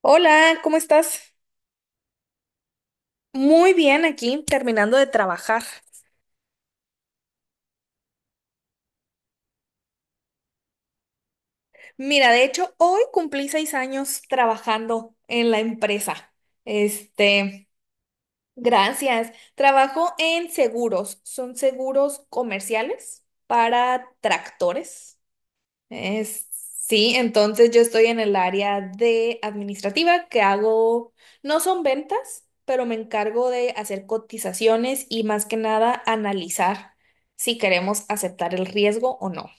Hola, ¿cómo estás? Muy bien aquí, terminando de trabajar. Mira, de hecho, hoy cumplí 6 años trabajando en la empresa. Este, Gracias. Trabajo en seguros. Son seguros comerciales para tractores. Sí, entonces yo estoy en el área de administrativa que hago, no son ventas, pero me encargo de hacer cotizaciones y más que nada analizar si queremos aceptar el riesgo o no.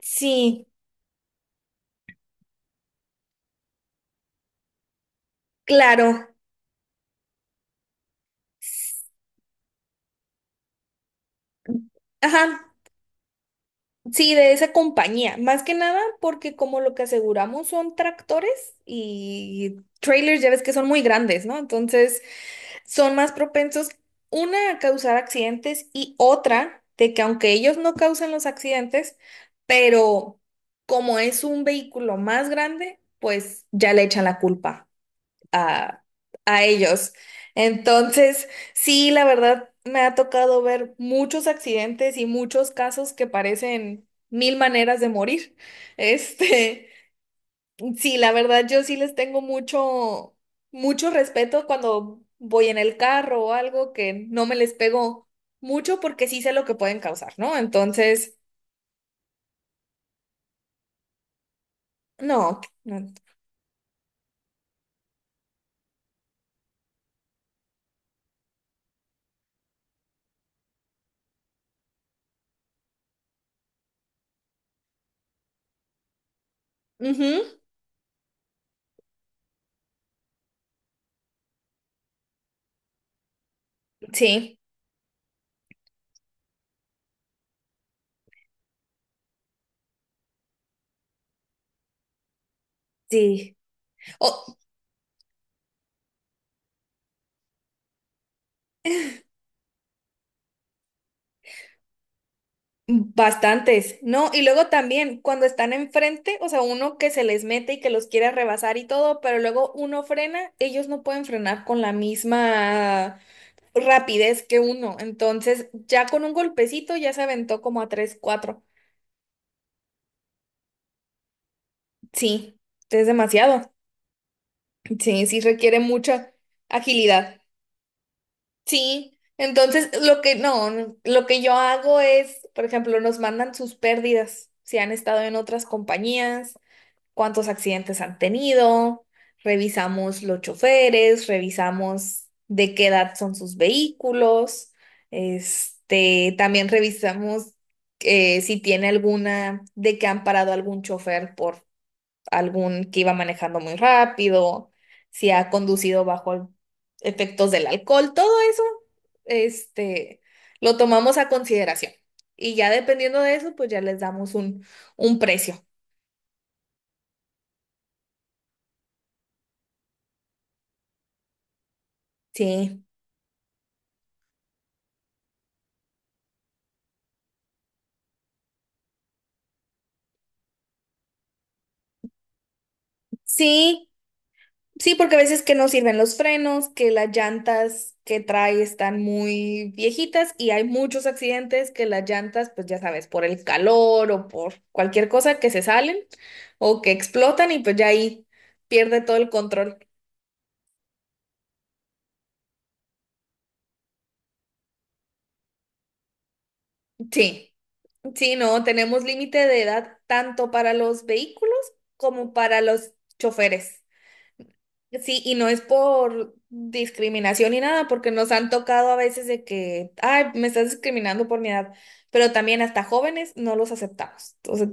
Sí, claro. Ajá, sí, de esa compañía. Más que nada porque como lo que aseguramos son tractores y trailers, ya ves que son muy grandes, ¿no? Entonces, son más propensos, una, a causar accidentes y otra, de que aunque ellos no causan los accidentes, pero como es un vehículo más grande, pues ya le echan la culpa a, a ellos. Entonces, sí, la verdad, me ha tocado ver muchos accidentes y muchos casos que parecen mil maneras de morir. Este. Sí, la verdad, yo sí les tengo mucho, mucho respeto cuando voy en el carro o algo que no me les pego mucho porque sí sé lo que pueden causar, ¿no? Entonces, no, no. Ujú, sí, sí. Oh, bastantes, ¿no? Y luego también cuando están enfrente, o sea, uno que se les mete y que los quiere rebasar y todo, pero luego uno frena, ellos no pueden frenar con la misma rapidez que uno. Entonces, ya con un golpecito ya se aventó como a 3 cuatro. Sí, es demasiado. Sí, sí requiere mucha agilidad. Sí. Entonces, lo que no, no, lo que yo hago es, por ejemplo, nos mandan sus pérdidas, si han estado en otras compañías cuántos accidentes han tenido, revisamos los choferes, revisamos de qué edad son sus vehículos, este, también revisamos si tiene alguna, de que han parado algún chofer por algún que iba manejando muy rápido, si ha conducido efectos del alcohol, todo eso, este, lo tomamos a consideración. Y ya dependiendo de eso, pues ya les damos un precio. Sí. Sí, sí, porque a veces que no sirven los frenos, que las llantas que trae están muy viejitas y hay muchos accidentes que las llantas, pues ya sabes, por el calor o por cualquier cosa que se salen o que explotan y pues ya ahí pierde todo el control. Sí, sí, no, tenemos límite de edad tanto para los vehículos como para los choferes. Sí, y no es por discriminación ni nada, porque nos han tocado a veces de que, ay, me estás discriminando por mi edad, pero también hasta jóvenes no los aceptamos. Entonces,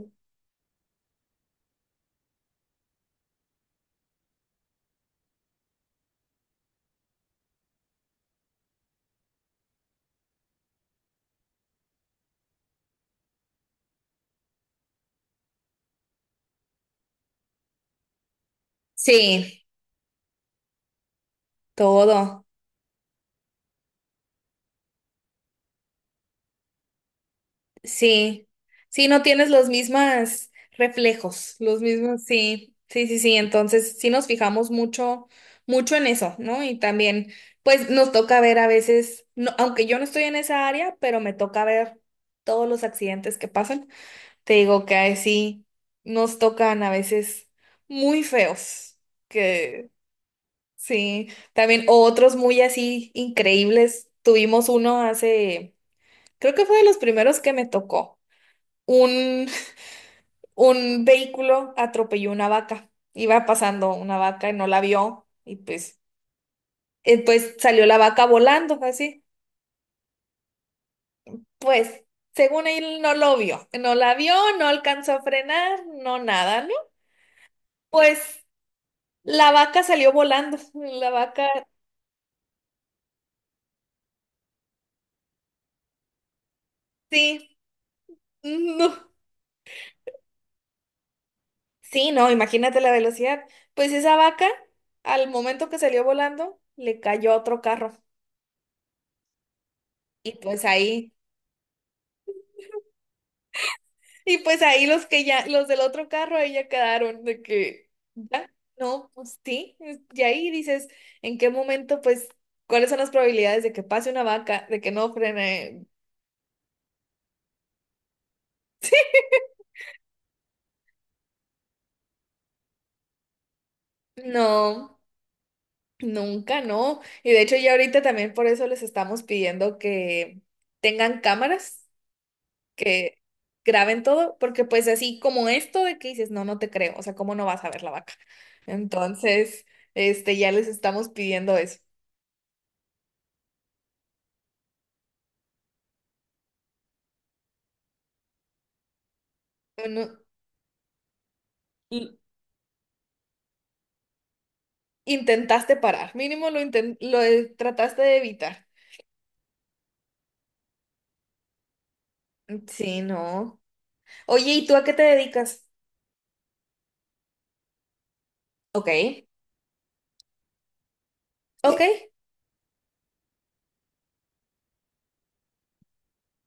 sí, todo, sí, sí, no tienes los mismos reflejos, los mismos, sí, sí, sí, sí, entonces sí nos fijamos mucho, mucho en eso, ¿no? Y también, pues nos toca ver a veces, no, aunque yo no estoy en esa área, pero me toca ver todos los accidentes que pasan. Te digo que ahí sí nos tocan a veces muy feos, que sí, también otros muy así increíbles. Tuvimos uno hace, creo que fue de los primeros que me tocó. Un, un vehículo atropelló una vaca. Iba pasando una vaca y no la vio y pues, pues salió la vaca volando así. Pues según él no lo vio, no la vio, no alcanzó a frenar, no nada, ¿no? Pues la vaca salió volando. La vaca, sí. No. Sí, no, imagínate la velocidad. Pues esa vaca, al momento que salió volando, le cayó a otro carro. Y pues ahí, y pues ahí los que ya, los del otro carro, ahí ya quedaron de que, ya, no, pues sí. Y ahí dices, ¿en qué momento, pues, cuáles son las probabilidades de que pase una vaca, de que no frene? No. Nunca, no. Y de hecho ya ahorita también por eso les estamos pidiendo que tengan cámaras, que graben todo, porque pues así como esto de que dices, no, no te creo, o sea, ¿cómo no vas a ver la vaca? Entonces, este, ya les estamos pidiendo eso. Bueno, l- intentaste parar, mínimo lo trataste de evitar. Sí, no. Oye, ¿y tú a qué te dedicas? Ok, ok,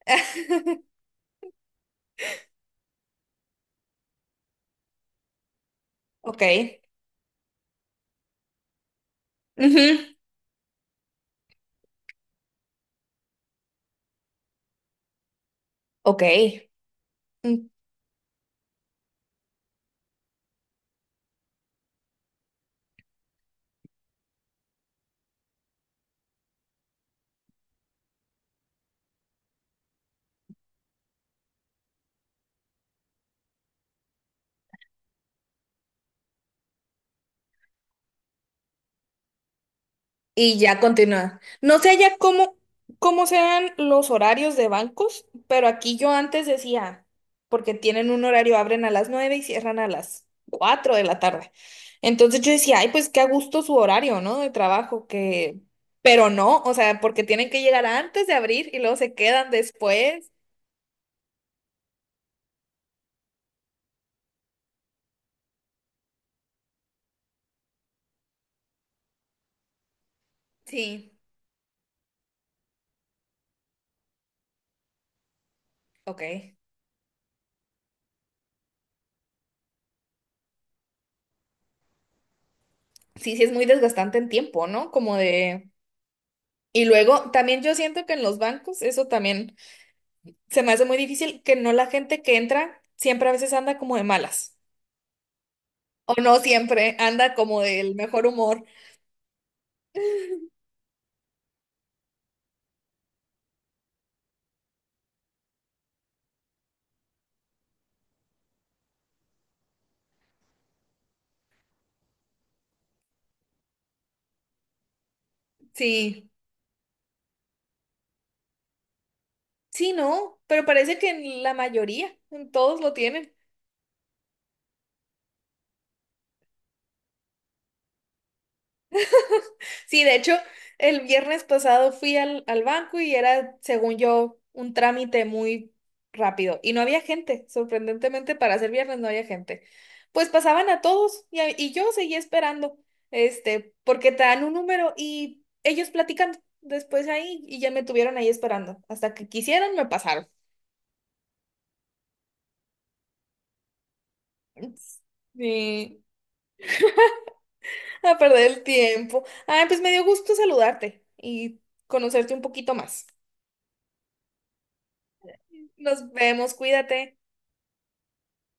ok, ujú, ok. Y ya continúa. No sé ya cómo, cómo sean los horarios de bancos, pero aquí yo antes decía, porque tienen un horario, abren a las 9 y cierran a las 4 de la tarde. Entonces yo decía, ay, pues qué a gusto su horario, ¿no? De trabajo, que... Pero no, o sea, porque tienen que llegar antes de abrir y luego se quedan después. Sí, ok. Sí, sí, es muy desgastante en tiempo, ¿no? Como de... Y luego, también yo siento que en los bancos, eso también se me hace muy difícil que no la gente que entra siempre a veces anda como de malas. O no siempre anda como del mejor humor. Sí, sí, no, pero parece que en la mayoría, en todos lo tienen. Sí, de hecho, el viernes pasado fui al banco y era, según yo, un trámite muy rápido. Y no había gente, sorprendentemente para ser viernes no había gente. Pues pasaban a todos y yo seguía esperando, este, porque te dan un número y ellos platicando después ahí y ya me tuvieron ahí esperando. Hasta que quisieron, me pasaron. Sí, a perder el tiempo. Ay, pues me dio gusto saludarte y conocerte un poquito más. Nos vemos, cuídate.